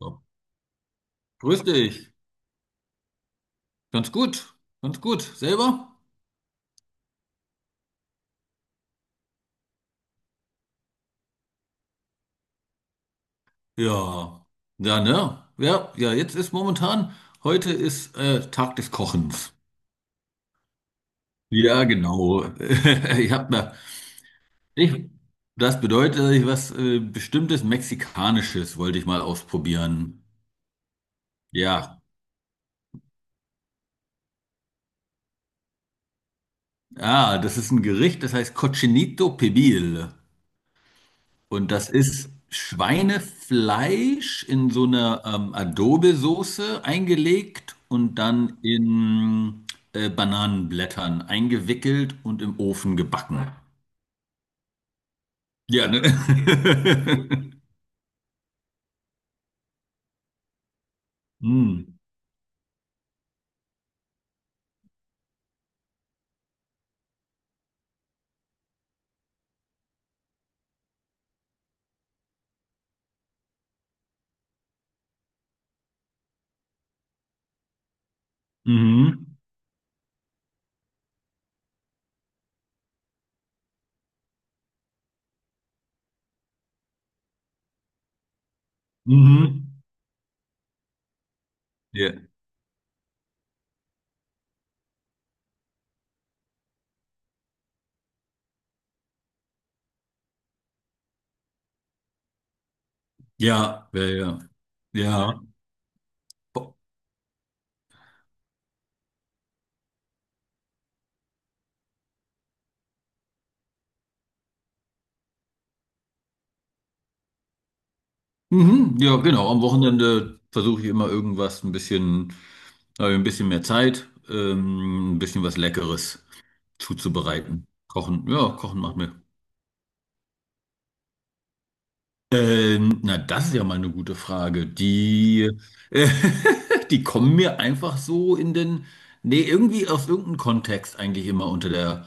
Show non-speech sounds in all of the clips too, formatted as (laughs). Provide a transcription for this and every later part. Ja, grüß dich. Ganz gut. Ganz gut. Selber? Ja. Ja, ne? Ja, jetzt ist momentan, heute ist Tag des Kochens. Ja, genau. (laughs) Ich hab mir, ich, das bedeutet, dass ich was bestimmtes Mexikanisches wollte ich mal ausprobieren. Ja. Ah, das ist ein Gericht, das heißt Cochinito Pibil. Und das ist Schweinefleisch in so eine Adobe-Soße eingelegt und dann in Bananenblättern eingewickelt und im Ofen gebacken. Ja, ne? (laughs) Hm. Mhm. Mhm. Ja, ja. Ja, Bo- mhm. Ja, genau. Am Wochenende versuche ich immer irgendwas, ein bisschen, habe ich ein bisschen mehr Zeit, ein bisschen was Leckeres zuzubereiten. Kochen, ja, kochen macht mir. Na, das ist ja mal eine gute Frage. Äh, (laughs) die kommen mir einfach so in den, nee, irgendwie aus irgendeinem Kontext eigentlich immer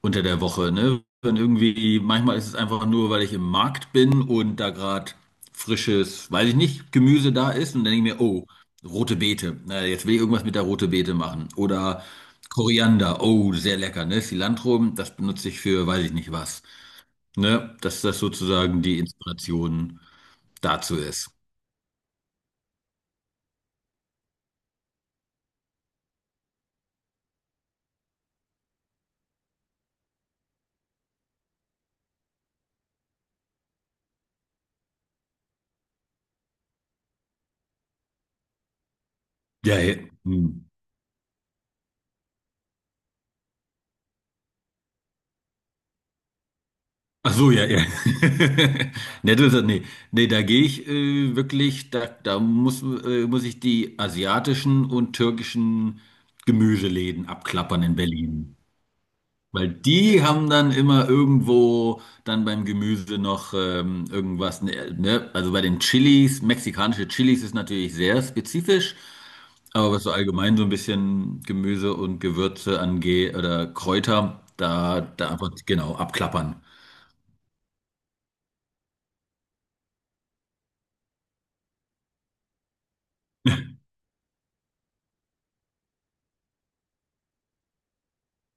unter der Woche, ne? Wenn irgendwie, manchmal ist es einfach nur, weil ich im Markt bin und da gerade frisches, weiß ich nicht, Gemüse da ist und dann denke ich mir, oh, rote Beete, na, jetzt will ich irgendwas mit der rote Beete machen. Oder Koriander, oh, sehr lecker, ne? Cilantro, das benutze ich für, weiß ich nicht was. Ne? Dass das sozusagen die Inspiration dazu ist. Ja, ja. Hm. Ach so, ja, ja. (laughs) Ne, du sagst, nee, nee, da gehe ich wirklich, da muss, muss ich die asiatischen und türkischen Gemüseläden abklappern in Berlin. Weil die haben dann immer irgendwo dann beim Gemüse noch irgendwas, ne? Also bei den Chilis, mexikanische Chilis ist natürlich sehr spezifisch. Aber was so allgemein so ein bisschen Gemüse und Gewürze angeht oder Kräuter, da einfach genau abklappern.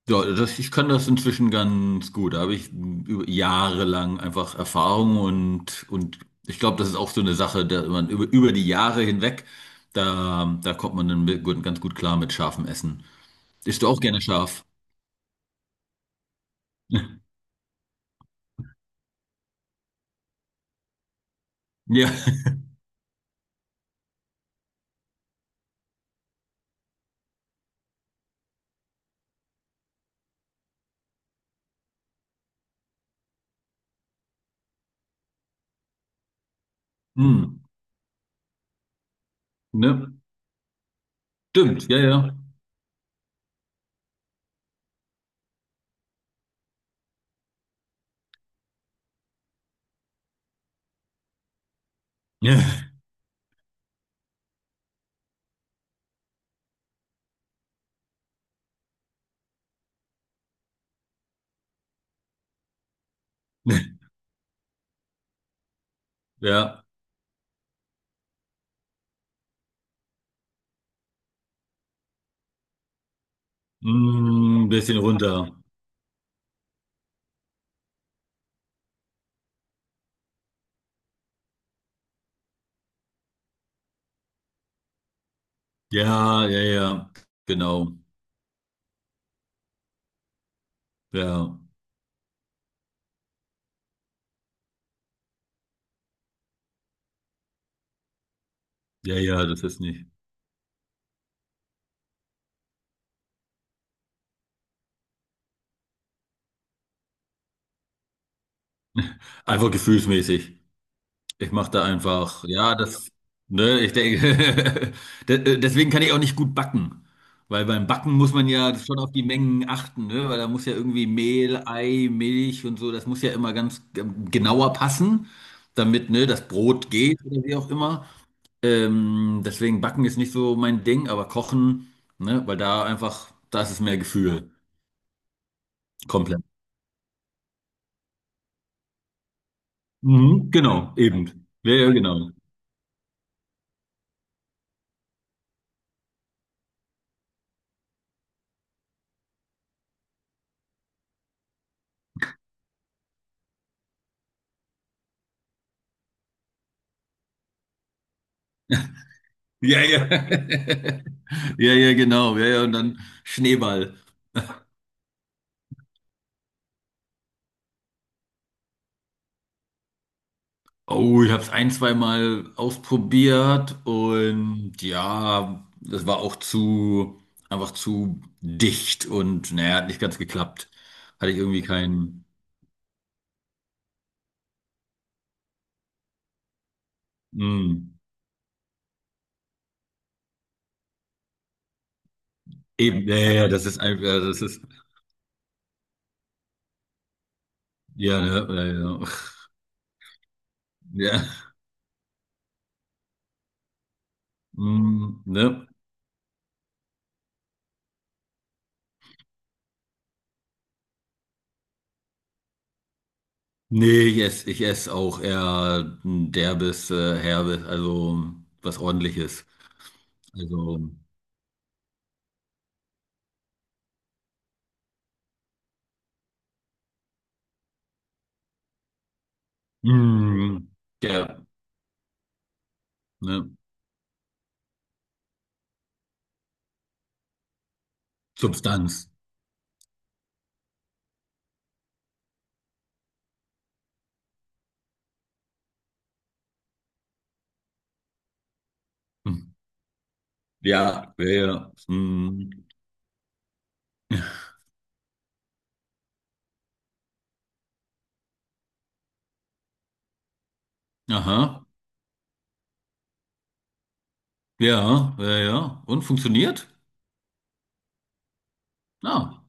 Ich kann das inzwischen ganz gut. Da habe ich über Jahre lang einfach Erfahrung und ich glaube, das ist auch so eine Sache, da man über die Jahre hinweg, da kommt man dann mit- gut, ganz gut klar mit scharfem Essen. Isst du auch gerne scharf? (laughs) Ja, hm. Ne? Stimmt, ja, ja. Ja, (laughs) ja. Hm, bisschen runter. Ja, genau. Ja, ja, das ist nicht. Einfach gefühlsmäßig. Ich mache da einfach, ne, ich denke, (laughs) de- deswegen kann ich auch nicht gut backen. Weil beim Backen muss man ja schon auf die Mengen achten, ne? Weil da muss ja irgendwie Mehl, Ei, Milch und so, das muss ja immer ganz genauer passen, damit, ne, das Brot geht oder wie auch immer. Deswegen Backen ist nicht so mein Ding, aber Kochen, ne, weil da einfach, da ist es mehr Gefühl. Komplett. Mhm, genau. Ja, eben. Ja, ja, genau. Ja, ja. (laughs) Ja, ja, genau. Ja, ja, und dann Schneeball. Oh, ich habe es ein, zwei Mal ausprobiert und ja, das war auch zu, einfach zu dicht und naja, hat nicht ganz geklappt. Hatte ich irgendwie keinen. Mm, eben, ja, ja, das ist einfach, das ist, ja, ne, ja, ja. (laughs) Ja, mm, ne. Nee, ich esse auch eher ein derbes, herbes, also was ordentliches. Also, mm, ja, ne? Substanz. Hm. Ja, ja, ja. Mm. Aha, ja, ja, ja. Und funktioniert? Ah,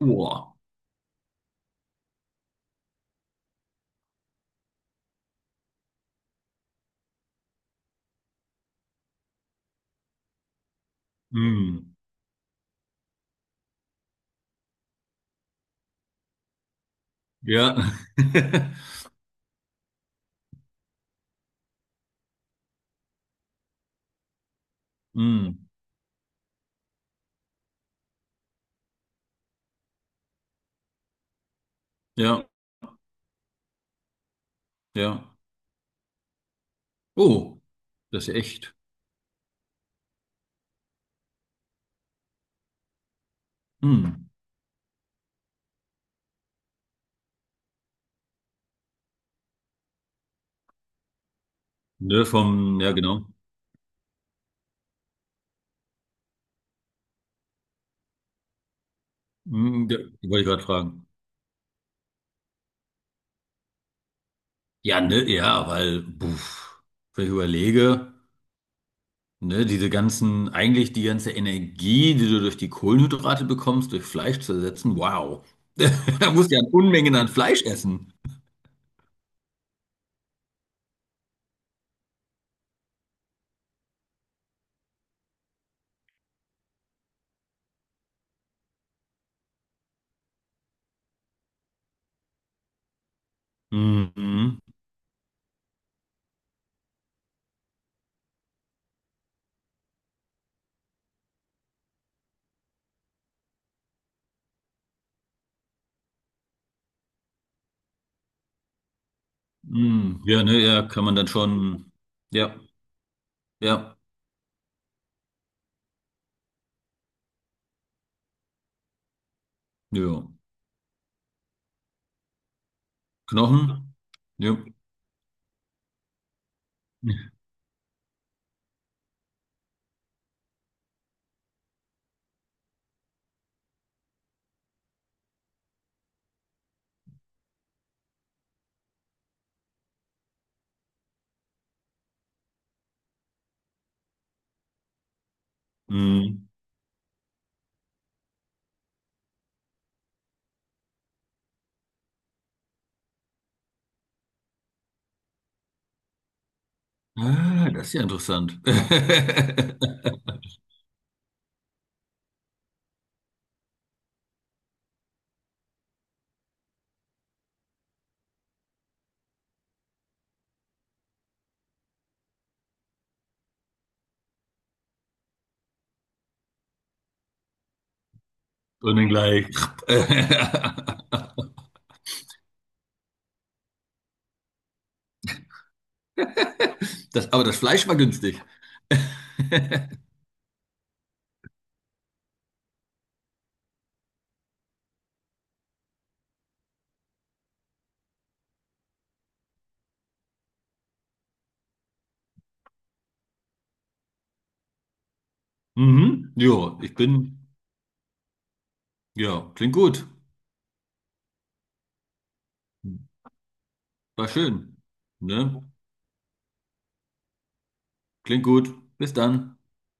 boah. Mm. Ja. (laughs) mm. Ja, ja. Oh, das ist echt. Mm. Ne, vom, ja, genau. Mm, ja, wollte ich gerade fragen. Ja, ne, ja, weil, puff, wenn ich überlege, ne, diese ganzen, eigentlich die ganze Energie, die du durch die Kohlenhydrate bekommst, durch Fleisch zu ersetzen, wow. (laughs) Da musst du ja Unmengen an Fleisch essen. Mhm. Mhm. Ja, ne, ja, kann man dann schon, ja, ja, ja. Knochen, ja. Mhm. Ah, das ist ja interessant. (laughs) Und dann gleich. (laughs) Das, aber das Fleisch war günstig. (laughs) Mhm. Ja, ich bin, ja, klingt gut. War schön. Ne? Klingt gut. Bis dann.